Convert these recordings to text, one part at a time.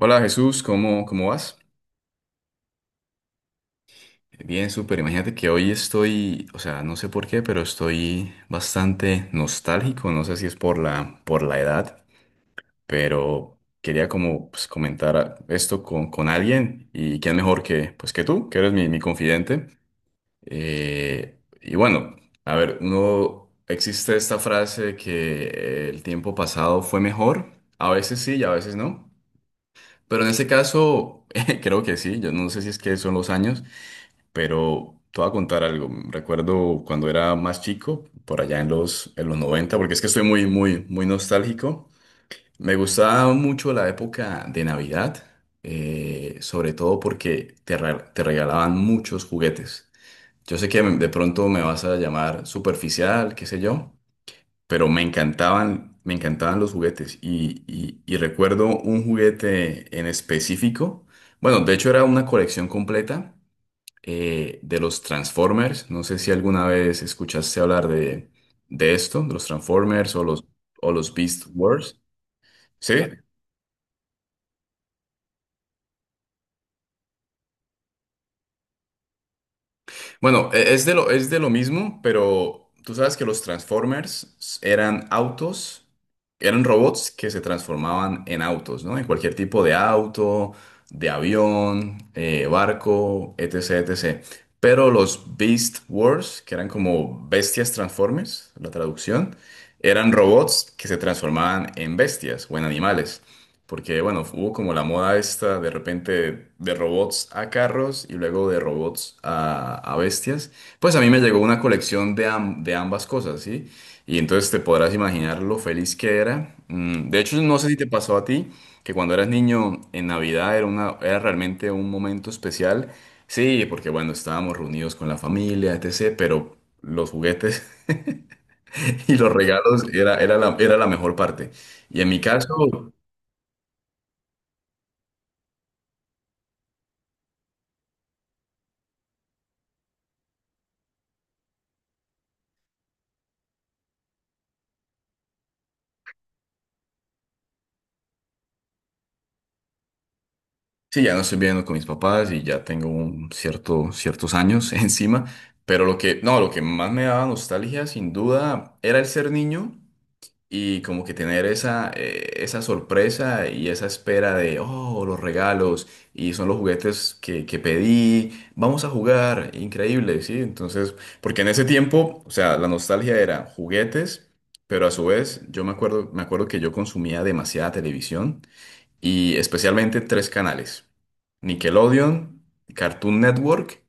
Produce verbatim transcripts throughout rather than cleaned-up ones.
Hola Jesús, ¿cómo, cómo vas? Bien, súper. Imagínate que hoy estoy, o sea, no sé por qué, pero estoy bastante nostálgico. No sé si es por la, por la, edad, pero quería como pues, comentar a- esto con, con alguien y quién mejor que, pues, que tú, que eres mi, mi confidente. Eh, y bueno, a ver, uno, existe esta frase de que el tiempo pasado fue mejor. A veces sí y a veces no. Pero en este caso, creo que sí. Yo no sé si es que son los años. Pero te voy a contar algo. Recuerdo cuando era más chico, por allá en los, en los noventa, porque es que estoy muy, muy, muy nostálgico. Me gustaba mucho la época de Navidad, eh, sobre todo porque te, re- te regalaban muchos juguetes. Yo sé que de pronto me vas a llamar superficial, qué sé yo, pero me encantaban, me encantaban los juguetes. Y, y, y recuerdo un juguete en específico. Bueno, de hecho era una colección completa eh, de los Transformers. No sé si alguna vez escuchaste hablar de, de, esto, de los Transformers o los, o los Beast Wars. ¿Sí? Bueno, e- es de lo, es de lo mismo, pero tú sabes que los Transformers eran autos, eran robots que se transformaban en autos, ¿no? En cualquier tipo de auto, de avión, eh, barco, etcétera. Etc. Pero los Beast Wars, que eran como bestias Transformers, la traducción, eran robots que se transformaban en bestias o en animales. Porque, bueno, hubo como la moda esta de repente de robots a carros y luego de robots a, a bestias. Pues a mí me llegó una colección de, am- de ambas cosas, ¿sí? Y entonces te podrás imaginar lo feliz que era. Mm, De hecho, no sé si te pasó a ti, que cuando eras niño en Navidad era una, era realmente un momento especial. Sí, porque bueno, estábamos reunidos con la familia, etcétera, pero los juguetes y los regalos era, era la, era la mejor parte. Y en mi caso, sí, ya no estoy viviendo con mis papás y ya tengo un cierto, ciertos años encima, pero lo que, no, lo que más me daba nostalgia, sin duda, era el ser niño y como que tener esa, eh, esa sorpresa y esa espera de, oh, los regalos y son los juguetes que, que, pedí, vamos a jugar, increíble, ¿sí? Entonces, porque en ese tiempo, o sea, la nostalgia era juguetes, pero a su vez, yo me acuerdo, me acuerdo que yo consumía demasiada televisión y especialmente tres canales, Nickelodeon, Cartoon Network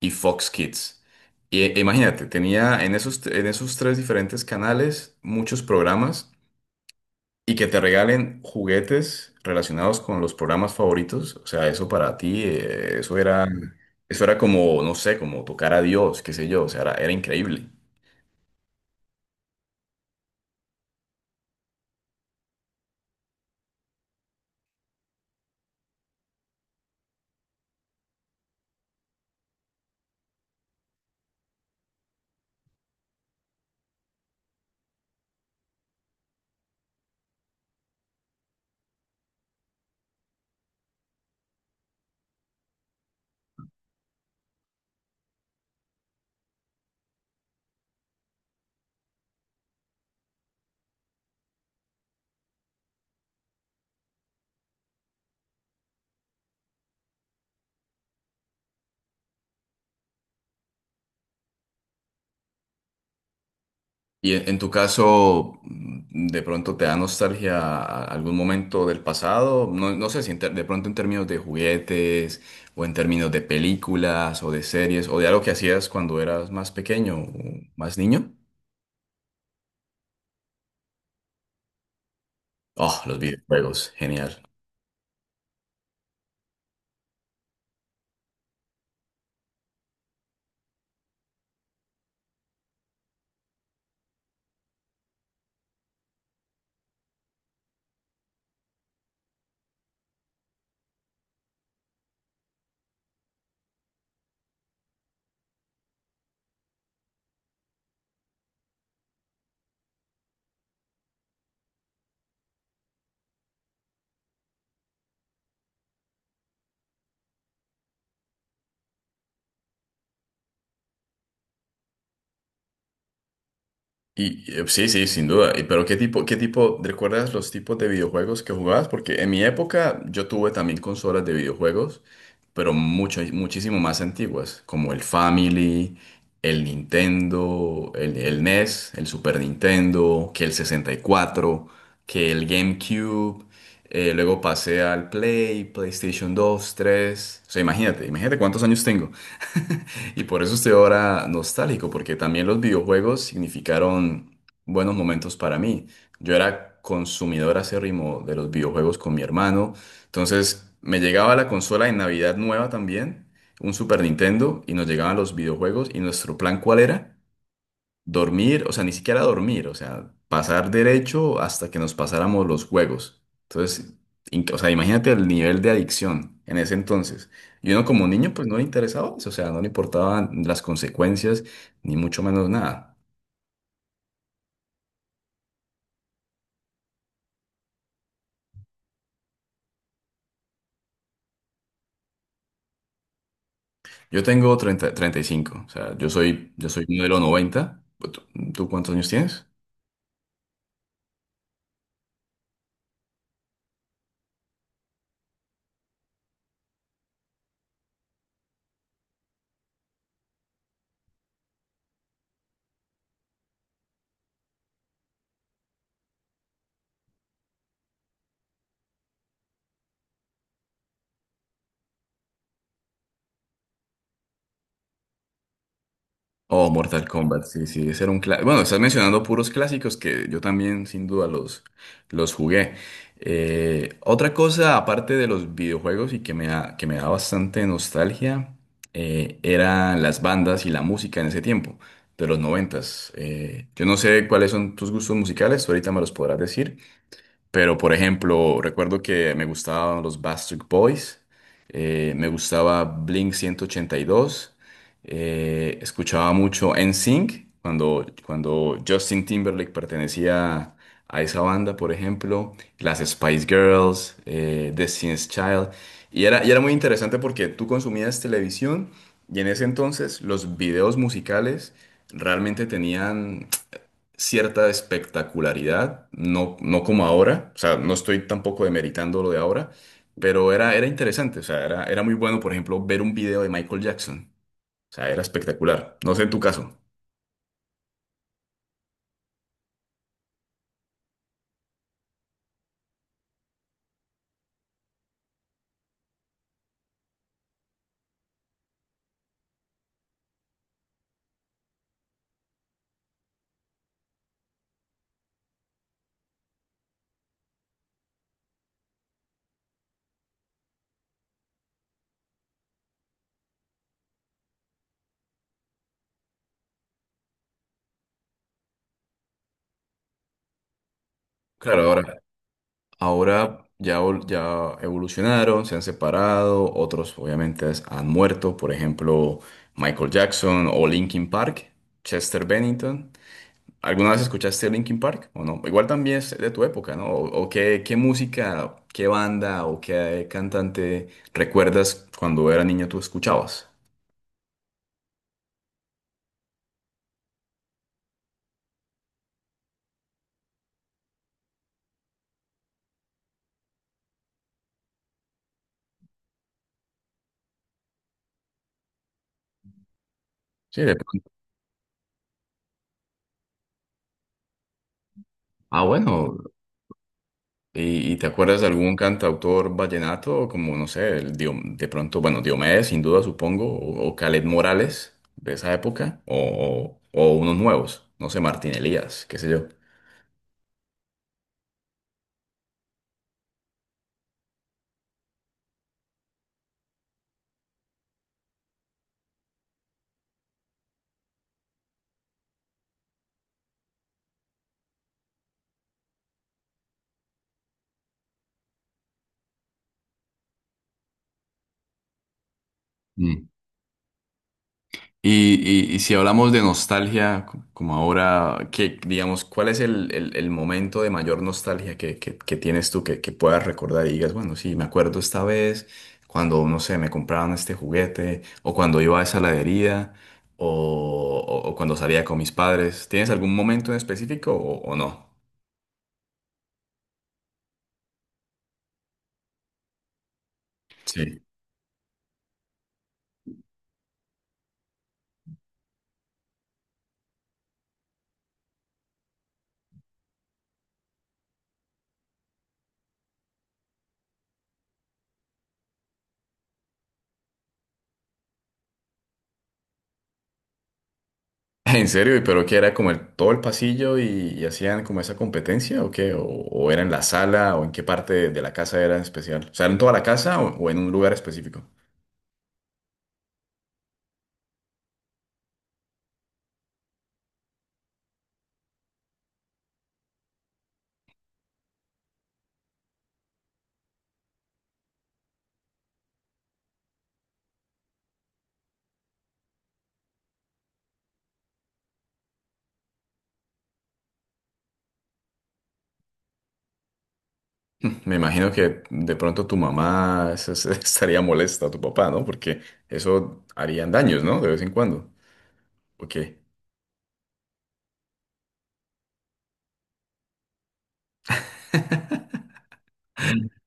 y Fox Kids. Y, e- imagínate, tenía en esos, en esos tres diferentes canales muchos programas y que te regalen juguetes relacionados con los programas favoritos. O sea, eso para ti, eh, eso era. Mm. Eso era como, no sé, como tocar a Dios, qué sé yo, o sea, era, era increíble. Y en en tu caso, mm, de pronto te da nostalgia a algún momento del pasado, no, no sé si en ter- de pronto en términos de juguetes o en términos de películas o de series o de algo que hacías cuando eras más pequeño o más niño. Oh, los videojuegos, genial. Y, y, sí, sí, sin duda. Y, pero ¿qué tipo, qué tipo, recuerdas los tipos de videojuegos que jugabas? Porque en mi época yo tuve también consolas de videojuegos, pero mucho, muchísimo más antiguas, como el Family, el Nintendo, el, el N E S, el Super Nintendo, que el sesenta y cuatro, que el GameCube. Eh, luego pasé al Play, PlayStation dos tres. O sea, imagínate, imagínate cuántos años tengo. Y por eso estoy ahora nostálgico, porque también los videojuegos significaron buenos momentos para mí. Yo era consumidor acérrimo de los videojuegos con mi hermano. Entonces me llegaba la consola de Navidad nueva también, un Super Nintendo, y nos llegaban los videojuegos. ¿Y nuestro plan cuál era? Dormir, o sea, ni siquiera dormir, o sea, pasar derecho hasta que nos pasáramos los juegos. Entonces, in- o sea, imagínate el nivel de adicción en ese entonces. Y uno como niño, pues no le interesaba eso, o sea, no le importaban las consecuencias, ni mucho menos nada. Yo tengo treinta treinta y cinco, o sea, yo soy, yo soy modelo noventa. ¿Tú, tú cuántos años tienes? Oh, Mortal Kombat, sí, sí, ese era un clásico. Bueno, estás mencionando puros clásicos que yo también sin duda los, los jugué. Eh, otra cosa, aparte de los videojuegos y que me da, que me da bastante nostalgia, eh, eran las bandas y la música en ese tiempo, de los noventas. Eh, yo no sé cuáles son tus gustos musicales, tú ahorita me los podrás decir, pero, por ejemplo, recuerdo que me gustaban los Backstreet Boys, eh, me gustaba Blink ciento ochenta y dos, eh, escuchaba mucho NSYNC cuando, cuando Justin Timberlake pertenecía a esa banda, por ejemplo, las Spice Girls, eh, Destiny's Child. Y era, y era muy interesante porque tú consumías televisión y en ese entonces los videos musicales realmente tenían cierta espectacularidad, no, no como ahora, o sea, no estoy tampoco demeritando lo de ahora, pero era, era interesante, o sea, era, era muy bueno, por ejemplo, ver un video de Michael Jackson, o sea, era espectacular, no sé en tu caso. Claro, ahora, ahora ya, vol- ya evolucionaron, se han separado, otros obviamente es- han muerto, por ejemplo, Michael Jackson o Linkin Park, Chester Bennington. ¿Alguna vez escuchaste Linkin Park o no? Igual también es de tu época, ¿no? ¿O, o qué, qué, música, qué banda o qué cantante recuerdas cuando era niño tú escuchabas? Sí, de pronto. Ah, bueno. ¿Y, y te acuerdas de algún cantautor vallenato como, no sé, el Diom- de pronto, bueno, Diomedes, sin duda, supongo, o, o Kaleth Morales de esa época, o, o- o unos nuevos, no sé, Martín Elías, qué sé yo. Y, y- y si hablamos de nostalgia, co- como ahora, que digamos, ¿cuál es el, el- el momento de mayor nostalgia que, que- que tienes tú, que, que puedas recordar y digas, bueno, sí, me acuerdo esta vez cuando, no sé, me compraron este juguete, o cuando iba a esa heladería, o, o- o cuando salía con mis padres? ¿Tienes algún momento en específico o, o no? Sí. En serio, ¿y pero qué era como el, todo el pasillo y, y hacían como esa competencia o qué? ¿O, o era en la sala o en qué parte de, de, la casa era especial? O sea, ¿en toda la casa o, o en un lugar específico? Hmm, Me imagino que de pronto tu mamá se- se estaría molesta, tu papá, ¿no? Porque eso harían daños, ¿no? De vez en cuando. ¿O qué?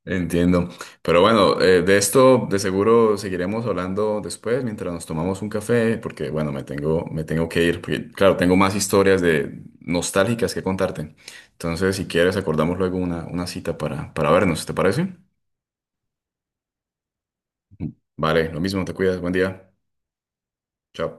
Entiendo. Pero bueno, eh, de esto de seguro seguiremos hablando después mientras nos tomamos un café, porque bueno, me tengo, me tengo que ir, porque claro, tengo más historias de nostálgicas que contarte. Entonces, si quieres, acordamos luego una, una, cita para, para vernos, ¿te parece? Vale, lo mismo, te cuidas, buen día. Chao.